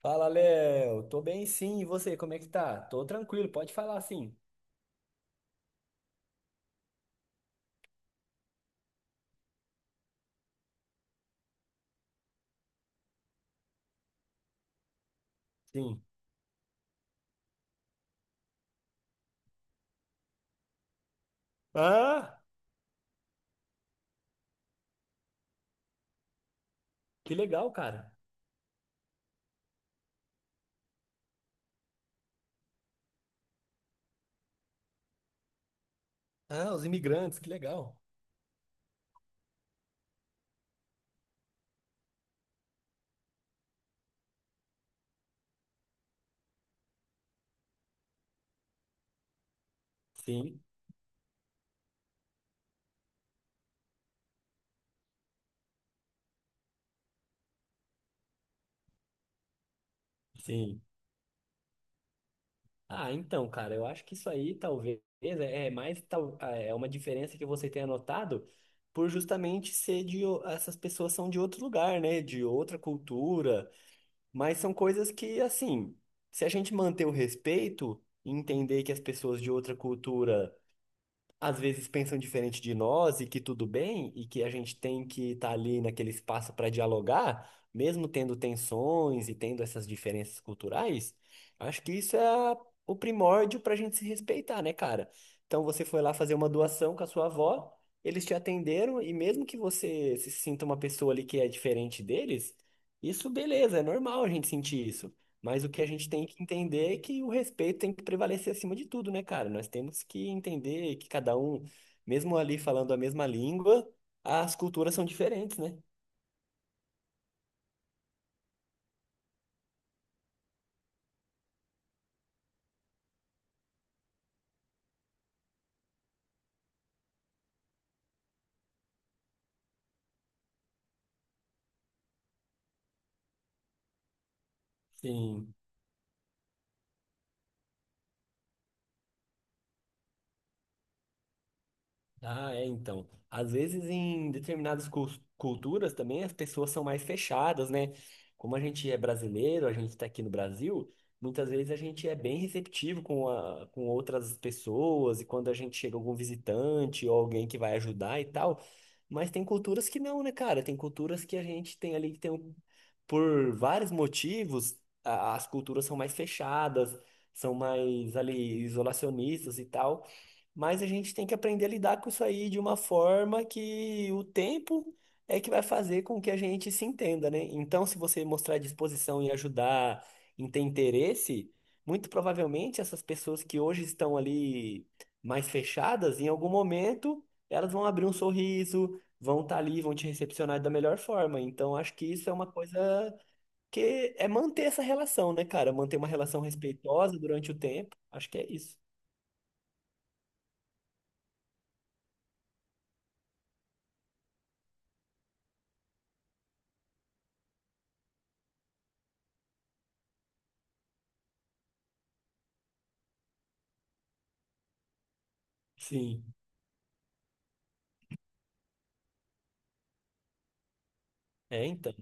Fala, Léo. Tô bem, sim. E você, como é que tá? Tô tranquilo, pode falar sim. Sim. Ah, que legal, cara. Ah, os imigrantes, que legal. Sim, sim. Ah, então, cara, eu acho que isso aí talvez é mais tal, é uma diferença que você tenha notado por justamente ser de o- essas pessoas são de outro lugar, né? De outra cultura, mas são coisas que assim, se a gente manter o respeito, e entender que as pessoas de outra cultura às vezes pensam diferente de nós e que tudo bem, e que a gente tem que estar ali naquele espaço para dialogar, mesmo tendo tensões e tendo essas diferenças culturais, acho que isso é a- o primórdio para a gente se respeitar, né, cara? Então você foi lá fazer uma doação com a sua avó, eles te atenderam, e mesmo que você se sinta uma pessoa ali que é diferente deles, isso beleza, é normal a gente sentir isso. Mas o que a gente tem que entender é que o respeito tem que prevalecer acima de tudo, né, cara? Nós temos que entender que cada um, mesmo ali falando a mesma língua, as culturas são diferentes, né? Sim. Ah, é, então. Às vezes, em determinadas cus- culturas também, as pessoas são mais fechadas, né? Como a gente é brasileiro, a gente está aqui no Brasil, muitas vezes a gente é bem receptivo com, a, com outras pessoas, e quando a gente chega algum visitante ou alguém que vai ajudar e tal. Mas tem culturas que não, né, cara? Tem culturas que a gente tem ali que tem, um- por vários motivos, a- as culturas são mais fechadas, são mais ali isolacionistas e tal. Mas a gente tem que aprender a lidar com isso aí de uma forma que o tempo é que vai fazer com que a gente se entenda, né? Então, se você mostrar disposição em ajudar, em ter interesse, muito provavelmente essas pessoas que hoje estão ali mais fechadas, em algum momento elas vão abrir um sorriso, vão estar ali, vão te recepcionar da melhor forma. Então, acho que isso é uma coisa que é manter essa relação, né, cara? Manter uma relação respeitosa durante o tempo. Acho que é isso. Sim. É, então.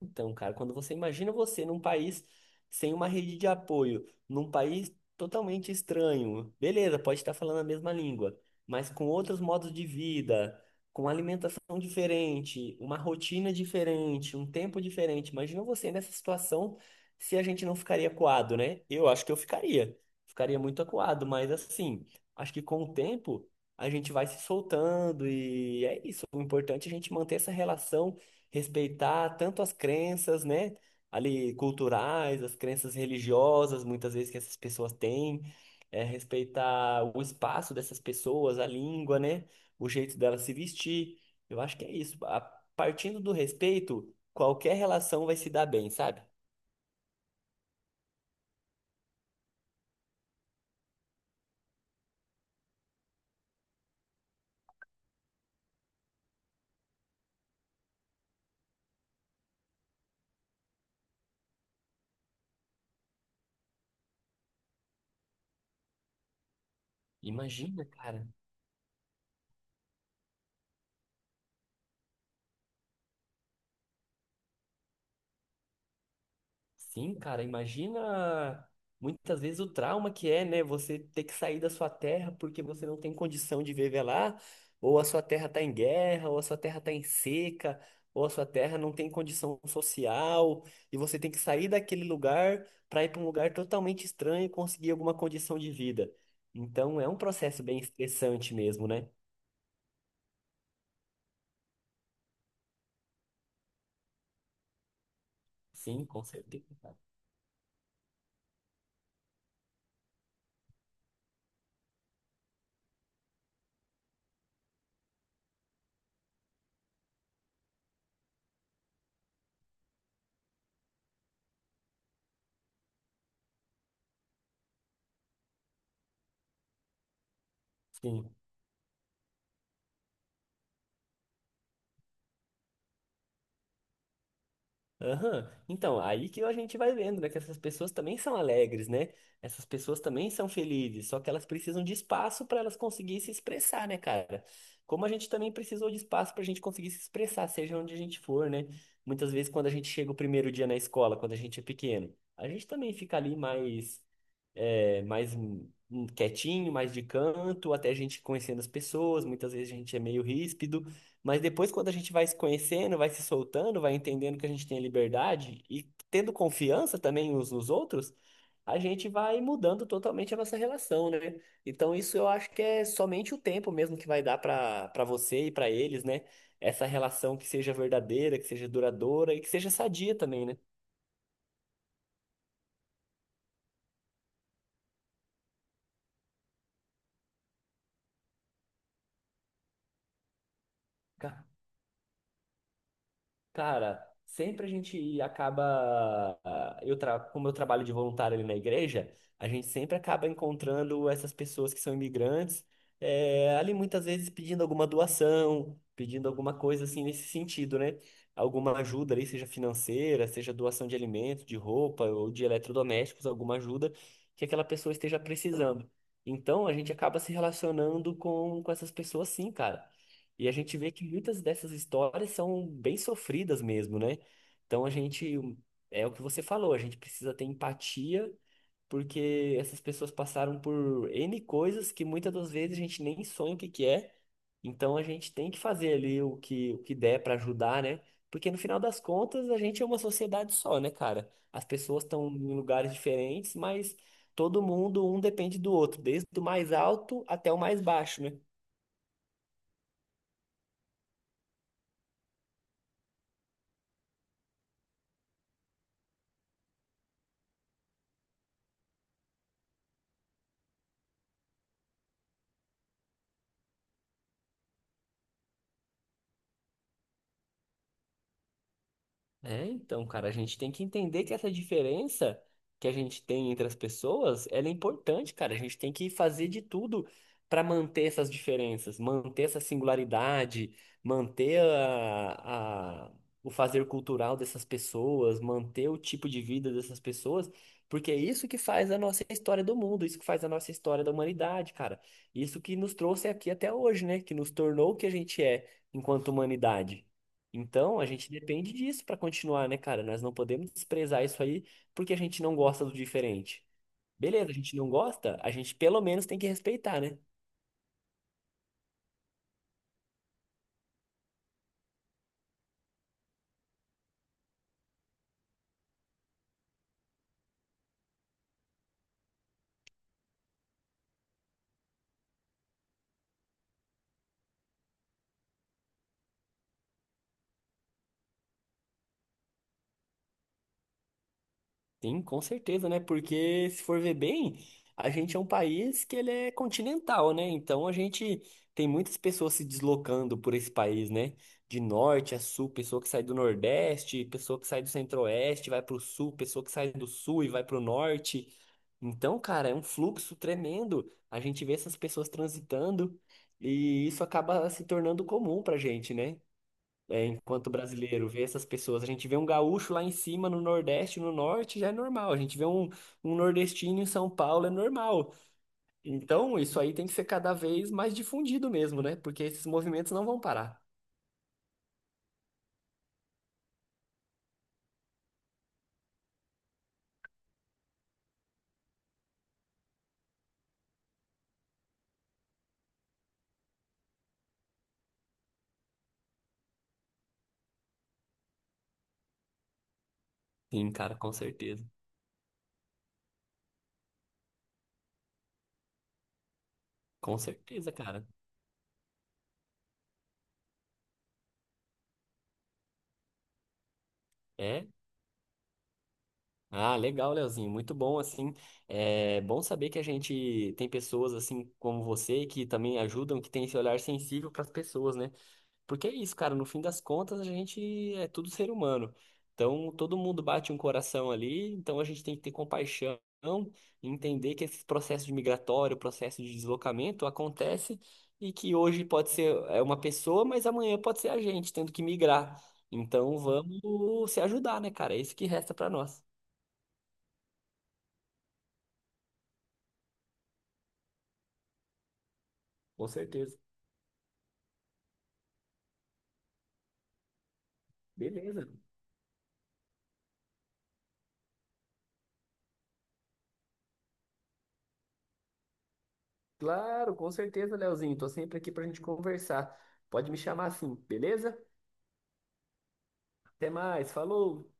Então, cara, quando você imagina você num país sem uma rede de apoio, num país totalmente estranho, beleza, pode estar falando a mesma língua, mas com outros modos de vida, com alimentação diferente, uma rotina diferente, um tempo diferente. Imagina você nessa situação se a gente não ficaria acuado, né? Eu acho que eu ficaria. Ficaria muito acuado, mas assim, acho que com o tempo a gente vai se soltando e é isso. O importante é a gente manter essa relação respeitar tanto as crenças, né, ali culturais, as crenças religiosas, muitas vezes que essas pessoas têm, é, respeitar o espaço dessas pessoas, a língua, né, o jeito delas se vestir. Eu acho que é isso. A- partindo do respeito, qualquer relação vai se dar bem, sabe? Imagina, cara. Sim, cara, imagina muitas vezes o trauma que é, né? Você ter que sair da sua terra porque você não tem condição de viver lá, ou a sua terra tá em guerra, ou a sua terra tá em seca, ou a sua terra não tem condição social, e você tem que sair daquele lugar para ir para um lugar totalmente estranho e conseguir alguma condição de vida. Então é um processo bem estressante mesmo, né? Sim, com certeza, cara. Sim. Aham. Então, aí que a gente vai vendo, né? Que essas pessoas também são alegres, né? Essas pessoas também são felizes, só que elas precisam de espaço para elas conseguirem se expressar, né, cara? Como a gente também precisou de espaço para a gente conseguir se expressar, seja onde a gente for, né? Muitas vezes, quando a gente chega o primeiro dia na escola, quando a gente é pequeno, a gente também fica ali mais, é, mais quietinho, mais de canto, até a gente conhecendo as pessoas. Muitas vezes a gente é meio ríspido. Mas depois, quando a gente vai se conhecendo, vai se soltando, vai entendendo que a gente tem a liberdade e tendo confiança também uns nos outros, a gente vai mudando totalmente a nossa relação, né? Então, isso eu acho que é somente o tempo mesmo que vai dar para você e para eles, né? Essa relação que seja verdadeira, que seja duradoura e que seja sadia também, né? Cara, sempre a gente acaba. Eu tra... Como eu trabalho de voluntário ali na igreja, a gente sempre acaba encontrando essas pessoas que são imigrantes, ali muitas vezes pedindo alguma doação, pedindo alguma coisa assim nesse sentido, né? Alguma ajuda ali, seja financeira, seja doação de alimentos, de roupa ou de eletrodomésticos, alguma ajuda que aquela pessoa esteja precisando. Então a gente acaba se relacionando com essas pessoas sim, cara. E a gente vê que muitas dessas histórias são bem sofridas mesmo, né? Então a gente, é o que você falou, a gente precisa ter empatia, porque essas pessoas passaram por N coisas que muitas das vezes a gente nem sonha o que que é. Então a gente tem que fazer ali o que der para ajudar, né? Porque no final das contas a gente é uma sociedade só, né, cara? As pessoas estão em lugares diferentes, mas todo mundo, um depende do outro, desde o mais alto até o mais baixo, né? É, então, cara, a gente tem que entender que essa diferença que a gente tem entre as pessoas, ela é importante, cara. A gente tem que fazer de tudo para manter essas diferenças, manter essa singularidade, manter a- o fazer cultural dessas pessoas, manter o tipo de vida dessas pessoas, porque é isso que faz a nossa história do mundo, isso que faz a nossa história da humanidade, cara. Isso que nos trouxe aqui até hoje, né? Que nos tornou o que a gente é enquanto humanidade. Então, a gente depende disso para continuar, né, cara? Nós não podemos desprezar isso aí porque a gente não gosta do diferente. Beleza, a gente não gosta, a gente pelo menos tem que respeitar, né? Sim, com certeza, né? Porque se for ver bem, a gente é um país que ele é continental, né? Então a gente tem muitas pessoas se deslocando por esse país, né? De norte a sul, pessoa que sai do Nordeste, pessoa que sai do Centro-Oeste, vai pro sul, pessoa que sai do sul e vai pro norte. Então, cara, é um fluxo tremendo. A gente vê essas pessoas transitando e isso acaba se tornando comum pra gente, né? É, enquanto brasileiro, ver essas pessoas. A gente vê um gaúcho lá em cima, no Nordeste, no Norte, já é normal. A gente vê um, um nordestino em São Paulo, é normal. Então, isso aí tem que ser cada vez mais difundido mesmo, né? Porque esses movimentos não vão parar. Sim, cara, com certeza. Com certeza, cara. É. Ah, legal, Leozinho. Muito bom, assim. É bom saber que a gente tem pessoas assim como você que também ajudam, que tem esse olhar sensível para as pessoas, né? Porque é isso, cara, no fim das contas a gente é tudo ser humano. Então todo mundo bate um coração ali, então a gente tem que ter compaixão, entender que esse processo de migratório, processo de deslocamento acontece e que hoje pode ser é, uma pessoa, mas amanhã pode ser a gente tendo que migrar. Então vamos se ajudar, né, cara? É isso que resta pra nós. Com certeza. Beleza. Claro, com certeza, Leozinho. Tô sempre aqui pra gente conversar. Pode me chamar assim, beleza? Até mais. Falou.